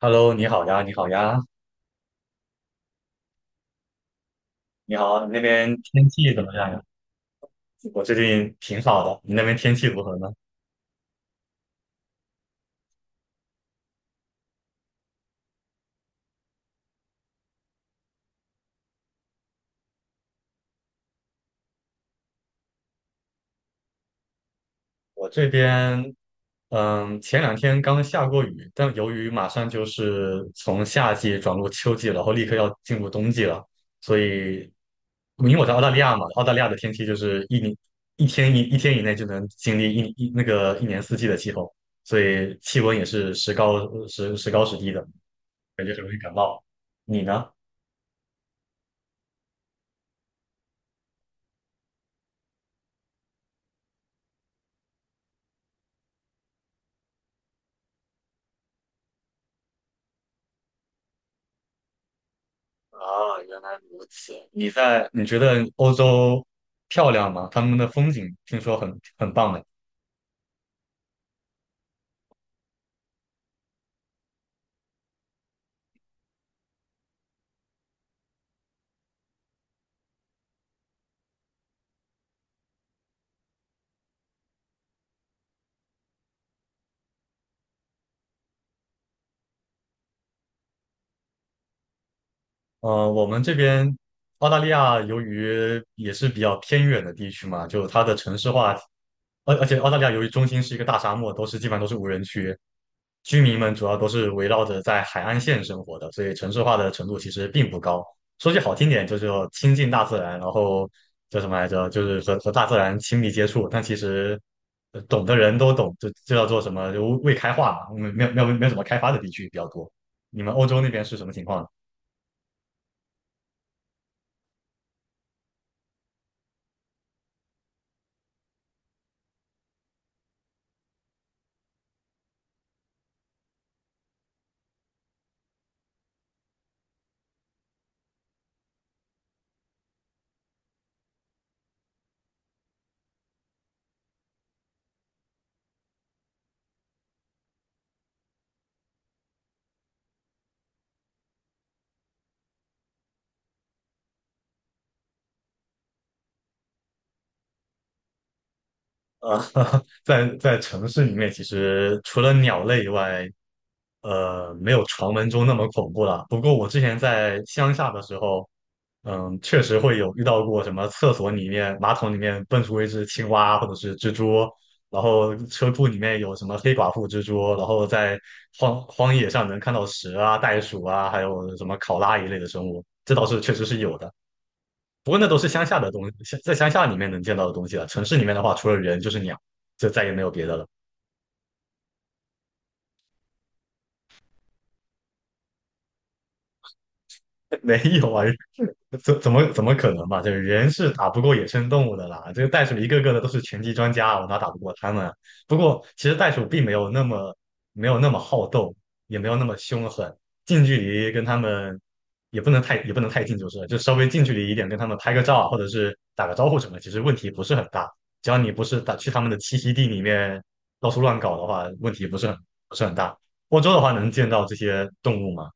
Hello，你好呀，你好呀，你好，那边天气怎么样呀？我最近挺好的，你那边天气如何呢？我这边，前两天刚下过雨，但由于马上就是从夏季转入秋季了然后立刻要进入冬季了，所以因为我在澳大利亚嘛，澳大利亚的天气就是一年一天以内就能经历那个一年四季的气候，所以气温也是时高时低的，感觉很容易感冒。你呢？哦，原来如此。你在，你觉得欧洲漂亮吗？他们的风景听说很棒的。我们这边澳大利亚由于也是比较偏远的地区嘛，就它的城市化，而且澳大利亚由于中心是一个大沙漠，基本上都是无人区，居民们主要都是围绕着在海岸线生活的，所以城市化的程度其实并不高。说句好听点，就是要亲近大自然，然后叫什么来着，就是和大自然亲密接触。但其实懂的人都懂，这叫做什么？就未开化嘛，没有什么开发的地区比较多。你们欧洲那边是什么情况呢？呃，在城市里面，其实除了鸟类以外，没有传闻中那么恐怖了。不过我之前在乡下的时候，确实会有遇到过什么厕所里面、马桶里面蹦出一只青蛙或者是蜘蛛，然后车库里面有什么黑寡妇蜘蛛，然后在荒野上能看到蛇啊、袋鼠啊，还有什么考拉一类的生物，这倒是确实是有的。不过那都是乡下的东西，在乡下里面能见到的东西了。城市里面的话，除了人就是鸟，就再也没有别的了。没有啊，怎么可能嘛？就是人是打不过野生动物的啦。这个袋鼠一个个的都是拳击专家，我哪打不过他们啊？不过其实袋鼠并没有那么好斗，也没有那么凶狠。近距离跟他们也不能太近，就是了就稍微近距离一点，跟他们拍个照啊或者是打个招呼什么，其实问题不是很大。只要你不是打去他们的栖息地里面到处乱搞的话，问题不是很不是很大。欧洲的话能见到这些动物吗？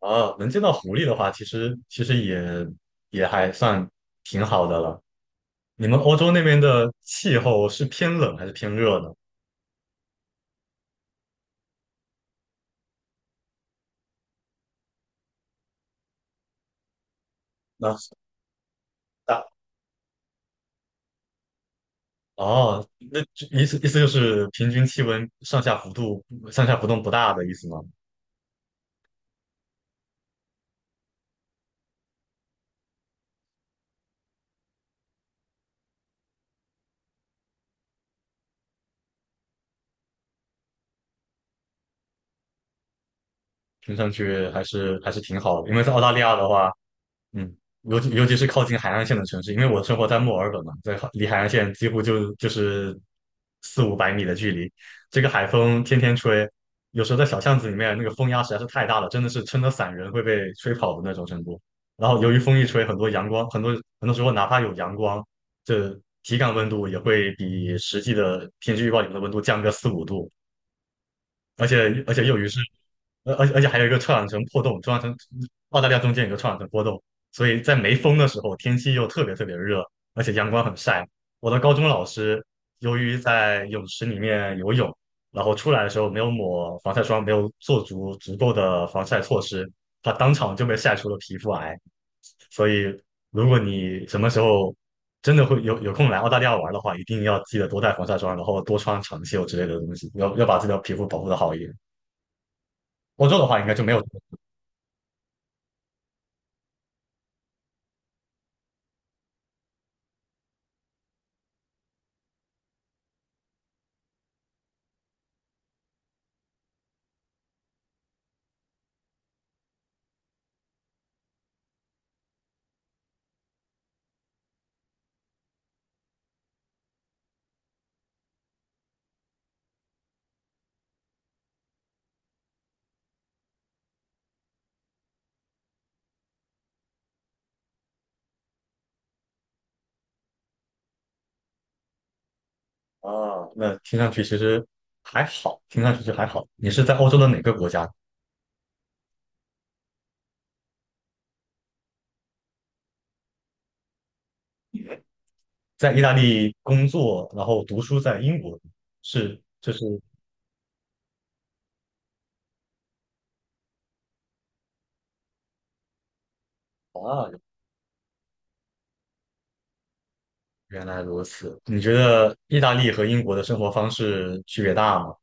啊，能见到狐狸的话，其实也也还算挺好的了。你们欧洲那边的气候是偏冷还是偏热呢？那大哦，那就意思意思就是平均气温上下浮动不大的意思吗？听上去还是挺好的，因为在澳大利亚的话，嗯，尤其是靠近海岸线的城市，因为我生活在墨尔本嘛，离海岸线几乎就是4、500米的距离。这个海风天天吹，有时候在小巷子里面，那个风压实在是太大了，真的是撑得伞人会被吹跑的那种程度。然后由于风一吹，很多阳光，很多时候哪怕有阳光，这体感温度也会比实际的天气预报里面的温度降个4、5度。而且又于是，呃，而且而且还有一个臭氧层破洞，臭氧层澳大利亚中间有个臭氧层破洞，所以在没风的时候，天气又特别特别热，而且阳光很晒。我的高中老师由于在泳池里面游泳，然后出来的时候没有抹防晒霜，没有做足够的防晒措施，他当场就被晒出了皮肤癌。所以，如果你什么时候真的有空来澳大利亚玩的话，一定要记得多带防晒霜，然后多穿长袖之类的东西，要把自己的皮肤保护的好一点。欧洲的话应该就没有啊，那听上去其实还好，听上去就还好。你是在欧洲的哪个国家？在意大利工作，然后读书在英国，是就是啊，原来如此。你觉得意大利和英国的生活方式区别大吗？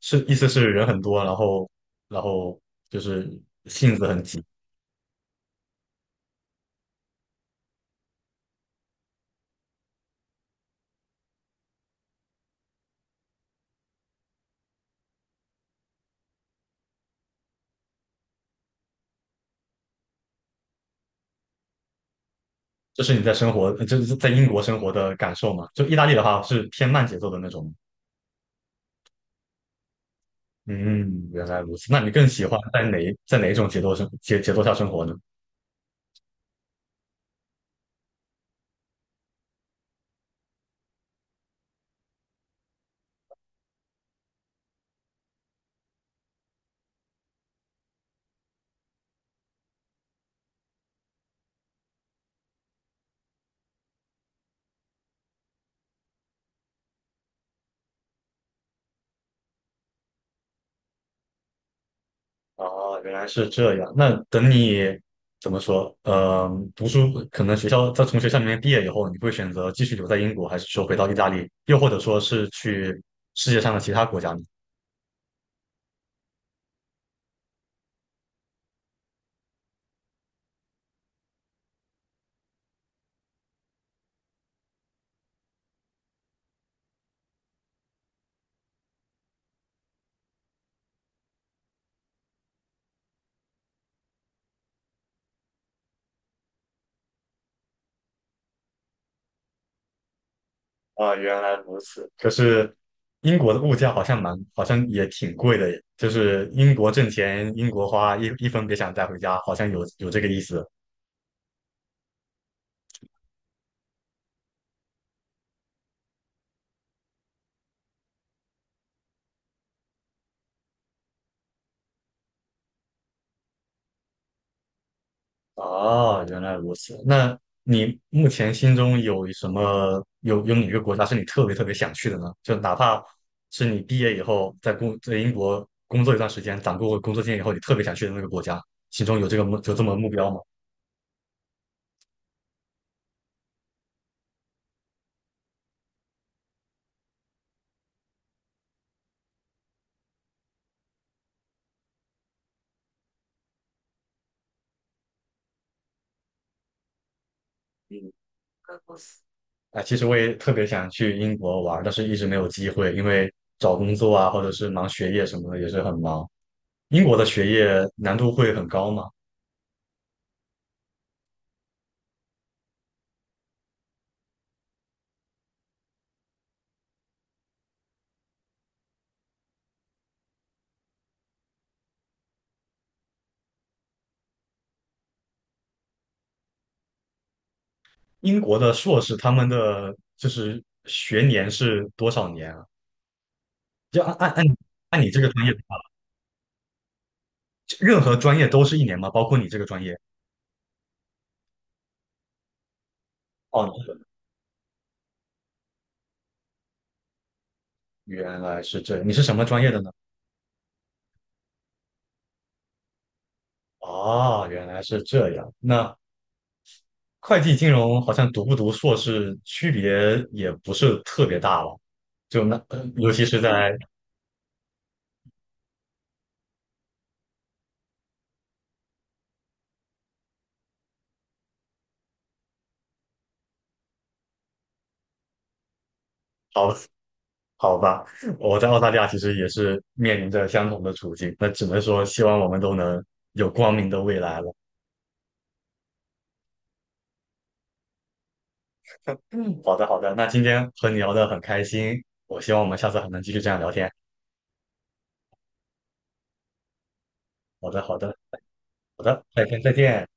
是意思是人很多，然后就是性子很急。这是你在生活，就是在英国生活的感受嘛？就意大利的话是偏慢节奏的那种。嗯，原来如此。那你更喜欢在哪一种节奏节奏下生活呢？哦，原来是这样。那等你怎么说？读书可能学校在从学校里面毕业以后，你会选择继续留在英国，还是说回到意大利，又或者说是去世界上的其他国家呢？啊，原来如此。可是英国的物价好像蛮，好像也挺贵的耶，就是英国挣钱，英国花，一分别想带回家，好像有这个意思。哦，原来如此。那你目前心中有什么，有哪个国家是你特别特别想去的呢？就哪怕是你毕业以后在英国工作一段时间，攒够工作经验以后，你特别想去的那个国家，心中有这个有这么目标吗？啊，其实我也特别想去英国玩儿但是一直没有机会，因为找工作啊，或者是忙学业什么的也是很忙。英国的学业难度会很高吗？英国的硕士他们的就是学年是多少年啊？就按按按按你这个专业的话任何专业都是一年吗？包括你这个专业？哦，原来是这样，你是什么专业的呢？哦，原来是这样。那会计金融好像读不读硕士区别也不是特别大了，尤其是在好好吧，我在澳大利亚其实也是面临着相同的处境，那只能说希望我们都能有光明的未来了。好的好的，那今天和你聊得很开心，我希望我们下次还能继续这样聊天。好的好的好的，再见再见。